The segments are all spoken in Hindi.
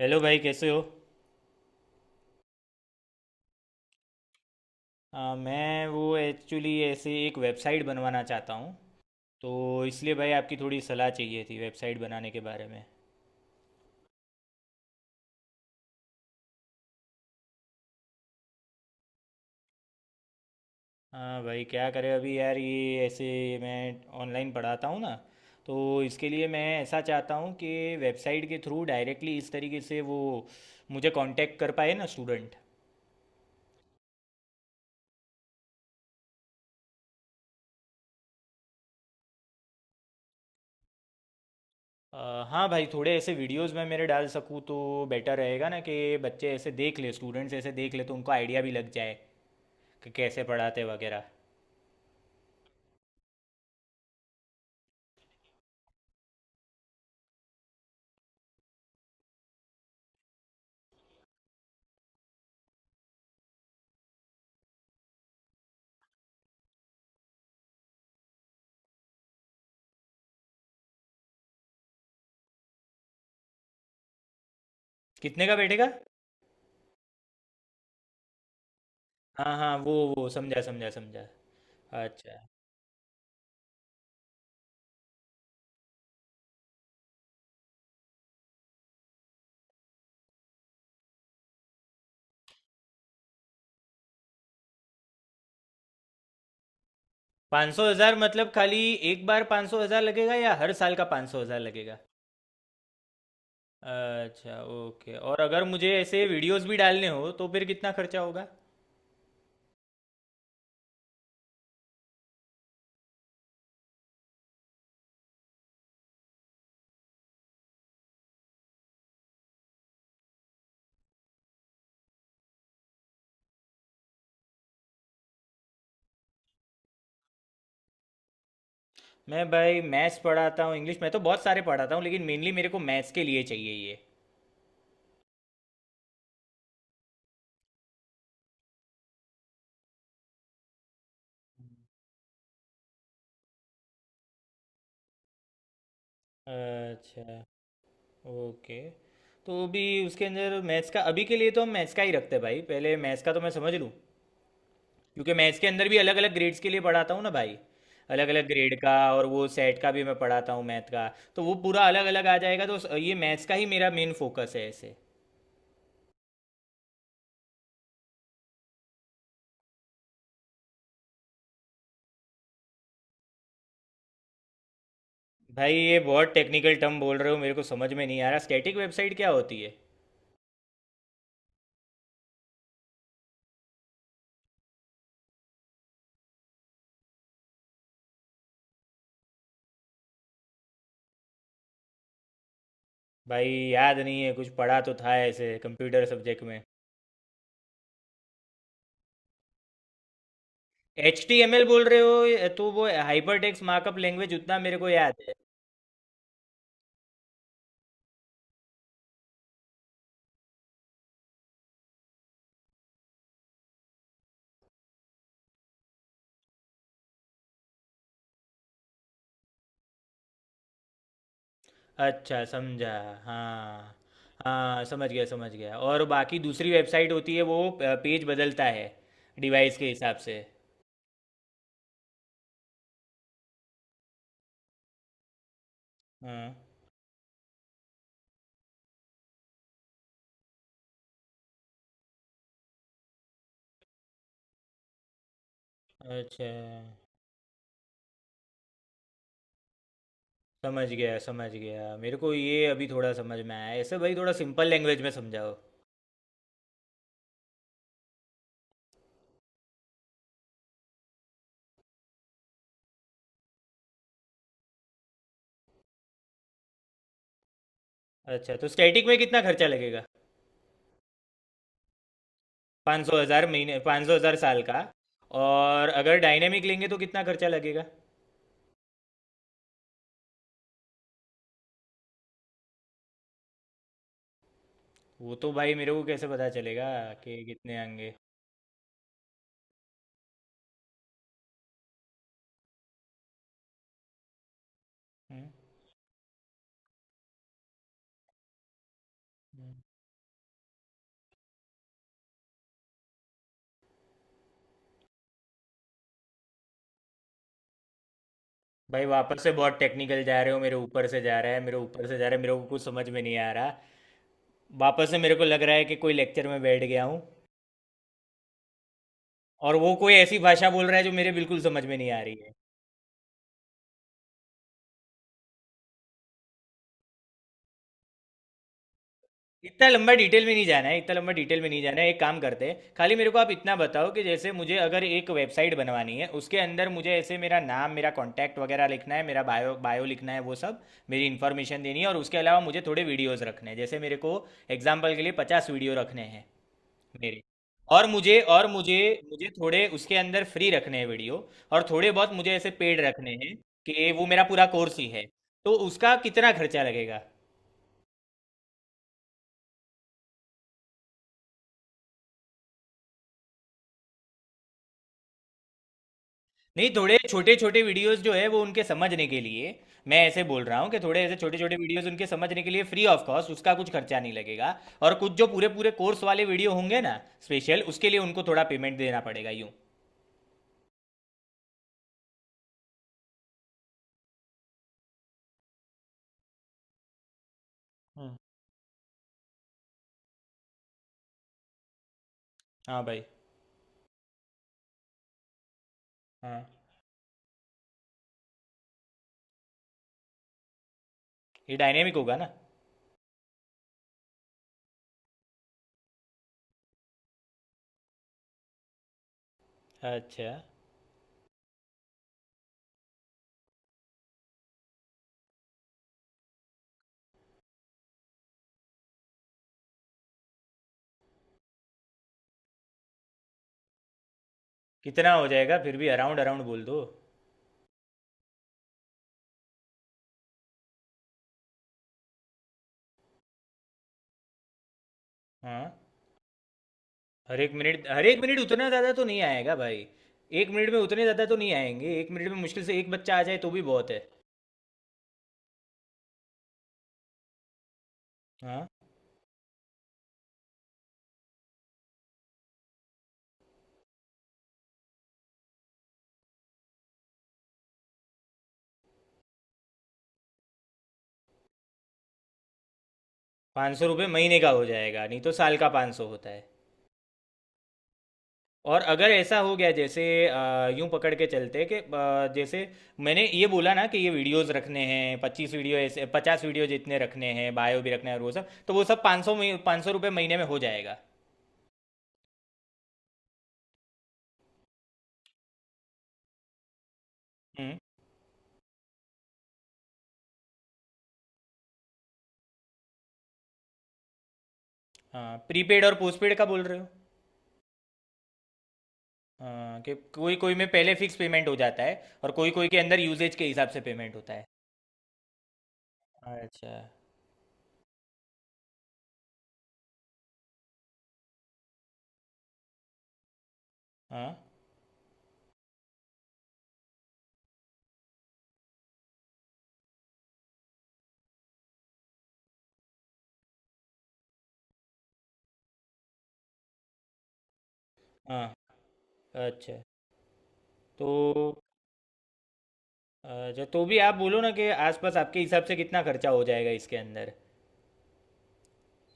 हेलो भाई, कैसे हो? मैं वो एक्चुअली ऐसे एक वेबसाइट बनवाना चाहता हूँ, तो इसलिए भाई आपकी थोड़ी सलाह चाहिए थी वेबसाइट बनाने के बारे में। हाँ भाई, क्या करें अभी यार, ये ऐसे मैं ऑनलाइन पढ़ाता हूँ ना, तो इसके लिए मैं ऐसा चाहता हूँ कि वेबसाइट के थ्रू डायरेक्टली इस तरीके से वो मुझे कांटेक्ट कर पाए ना स्टूडेंट। अ, हाँ भाई, थोड़े ऐसे वीडियोस मैं मेरे डाल सकूँ तो बेटर रहेगा ना, कि बच्चे ऐसे देख ले, स्टूडेंट्स ऐसे देख ले तो उनको आइडिया भी लग जाए कि कैसे पढ़ाते वगैरह। कितने का बैठेगा? हाँ हाँ, वो समझा समझा समझा। अच्छा। पाँच सौ हज़ार मतलब खाली एक बार पाँच सौ हज़ार लगेगा या हर साल का पाँच सौ हज़ार लगेगा? अच्छा, ओके। और अगर मुझे ऐसे वीडियोस भी डालने हो तो फिर कितना खर्चा होगा? मैं भाई मैथ्स पढ़ाता हूँ, इंग्लिश मैं तो बहुत सारे पढ़ाता हूँ लेकिन मेनली मेरे को मैथ्स के लिए चाहिए ये। अच्छा, ओके। तो भी उसके अंदर मैथ्स का अभी के लिए तो हम मैथ्स का ही रखते हैं भाई, पहले मैथ्स का तो मैं समझ लूँ। क्योंकि मैं इसके अंदर भी अलग अलग ग्रेड्स के लिए पढ़ाता हूँ ना भाई, अलग अलग ग्रेड का, और वो सेट का भी मैं पढ़ाता हूँ मैथ का। तो वो पूरा अलग अलग आ जाएगा, तो ये मैथ्स का ही मेरा मेन फोकस है ऐसे। भाई ये बहुत टेक्निकल टर्म बोल रहे हो, मेरे को समझ में नहीं आ रहा स्टैटिक वेबसाइट क्या होती है। भाई याद नहीं है, कुछ पढ़ा तो था ऐसे कंप्यूटर सब्जेक्ट में। एच टी एम एल बोल रहे हो तो वो हाइपर टेक्स्ट मार्कअप लैंग्वेज उतना मेरे को याद है। अच्छा, समझा। हाँ, हाँ समझ गया समझ गया, और बाकी दूसरी वेबसाइट होती है वो पेज बदलता है डिवाइस के हिसाब से। हाँ। अच्छा, समझ गया समझ गया, मेरे को ये अभी थोड़ा समझ में आया ऐसे। भाई थोड़ा सिंपल लैंग्वेज में समझाओ। अच्छा, तो स्टैटिक में कितना खर्चा लगेगा? पाँच सौ हज़ार महीने, पाँच सौ हज़ार साल का? और अगर डायनेमिक लेंगे तो कितना खर्चा लगेगा? वो तो भाई मेरे को कैसे पता चलेगा कि कितने आएंगे? हम्म, हम्म। भाई वापस से बहुत टेक्निकल जा रहे हो, मेरे ऊपर से जा रहा है, मेरे ऊपर से जा रहा है, मेरे को कुछ समझ में नहीं आ रहा। वापस से मेरे को लग रहा है कि कोई लेक्चर में बैठ गया हूँ, और वो कोई ऐसी भाषा बोल रहा है जो मेरे बिल्कुल समझ में नहीं आ रही है। इतना लंबा डिटेल में नहीं जाना है, इतना लंबा डिटेल में नहीं जाना है, एक काम करते हैं खाली मेरे को आप इतना बताओ कि जैसे मुझे अगर एक वेबसाइट बनवानी है, उसके अंदर मुझे ऐसे मेरा नाम, मेरा कॉन्टैक्ट वगैरह लिखना है, मेरा बायो बायो लिखना है वो सब, मेरी इन्फॉर्मेशन देनी है। और उसके अलावा मुझे थोड़े वीडियोस रखने हैं, जैसे मेरे को एग्जाम्पल के लिए 50 वीडियो रखने हैं। मेरे और मुझे मुझे थोड़े उसके अंदर फ्री रखने हैं वीडियो, और थोड़े बहुत मुझे ऐसे पेड रखने हैं, कि वो मेरा पूरा कोर्स ही है। तो उसका कितना खर्चा लगेगा? नहीं, थोड़े छोटे छोटे वीडियोस जो है वो उनके समझने के लिए, मैं ऐसे बोल रहा हूँ कि थोड़े ऐसे छोटे छोटे वीडियोस उनके समझने के लिए फ्री ऑफ कॉस्ट, उसका कुछ खर्चा नहीं लगेगा। और कुछ जो पूरे पूरे कोर्स वाले वीडियो होंगे ना, स्पेशल उसके लिए उनको थोड़ा पेमेंट देना पड़ेगा यूँ। हम्म। हाँ भाई। हाँ, ये डायनेमिक होगा ना। अच्छा, कितना हो जाएगा फिर भी? अराउंड अराउंड बोल दो। हाँ। हर एक मिनट, हर एक मिनट उतना ज़्यादा तो नहीं आएगा भाई, एक मिनट में उतने ज़्यादा तो नहीं आएंगे, एक मिनट में मुश्किल से एक बच्चा आ जाए तो भी बहुत है। हाँ। 500 रुपये महीने का हो जाएगा नहीं तो साल का पाँच सौ होता है? और अगर ऐसा हो गया, जैसे यूं पकड़ के चलते कि जैसे मैंने ये बोला ना कि ये वीडियोस रखने हैं, 25 वीडियो ऐसे, 50 वीडियो जितने रखने हैं, बायो भी रखना है और वो सब, तो वो सब पाँच सौ, पाँच सौ रुपये महीने में हो जाएगा? हम्म। हाँ, प्रीपेड और पोस्टपेड का बोल रहे हो। हाँ, कि कोई कोई में पहले फिक्स पेमेंट हो जाता है और कोई कोई के अंदर यूजेज के हिसाब से पेमेंट होता है। अच्छा। हाँ हाँ। अच्छा तो, अच्छा तो भी आप बोलो ना कि आसपास आपके हिसाब से कितना खर्चा हो जाएगा इसके अंदर?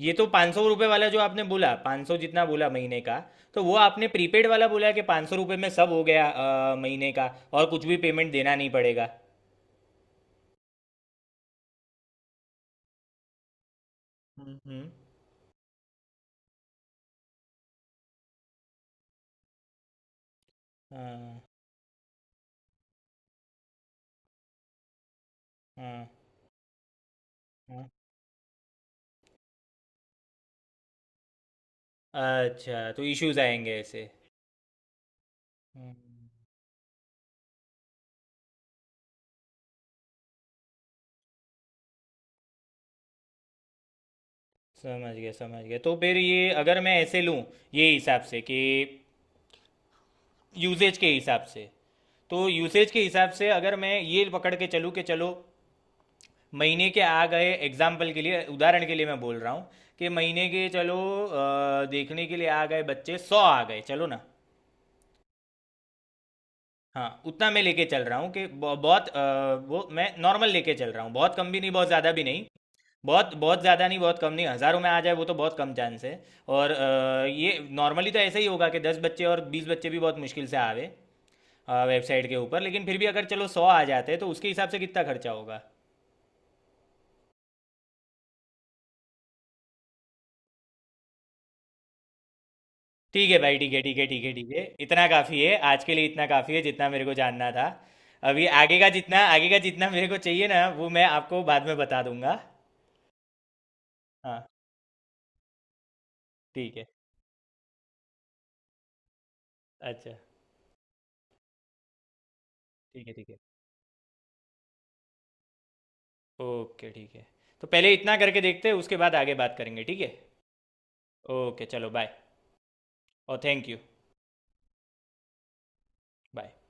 ये तो 500 रुपये वाला जो आपने बोला, पाँच सौ जितना बोला महीने का, तो वो आपने प्रीपेड वाला बोला कि 500 रुपये में सब हो गया, महीने का, और कुछ भी पेमेंट देना नहीं पड़ेगा? हम्म, हम्म। हाँ हाँ हाँ। अच्छा, तो इश्यूज आएंगे ऐसे। हम्म। समझ गया समझ गया। तो फिर ये अगर मैं ऐसे लूँ ये हिसाब से कि यूजेज के हिसाब से, तो यूसेज के हिसाब से अगर मैं ये पकड़ के चलूँ कि चलो, महीने के आ गए, एग्जाम्पल के लिए, उदाहरण के लिए मैं बोल रहा हूँ कि महीने के चलो देखने के लिए आ गए बच्चे, 100 आ गए चलो ना। हाँ, उतना मैं लेके चल रहा हूँ कि ब बहुत वो मैं नॉर्मल लेके चल रहा हूँ। बहुत कम भी नहीं, बहुत ज़्यादा भी नहीं। बहुत बहुत ज़्यादा नहीं, बहुत कम नहीं। हज़ारों में आ जाए वो तो बहुत कम चांस है। और ये नॉर्मली तो ऐसा ही होगा कि 10 बच्चे और 20 बच्चे भी बहुत मुश्किल से आवे वेबसाइट के ऊपर। लेकिन फिर भी अगर चलो 100 आ जाते हैं तो उसके हिसाब से कितना खर्चा होगा? ठीक है भाई, ठीक है, ठीक है, ठीक है, ठीक है। इतना काफ़ी है, आज के लिए इतना काफ़ी है जितना मेरे को जानना था। अभी आगे का जितना मेरे को चाहिए ना, वो मैं आपको बाद में बता दूँगा। हाँ, ठीक है। अच्छा। ठीक है, ठीक है, ओके ठीक है, तो पहले इतना करके देखते हैं उसके बाद आगे बात करेंगे ठीक है। ओके चलो, बाय। और थैंक यू। बाय।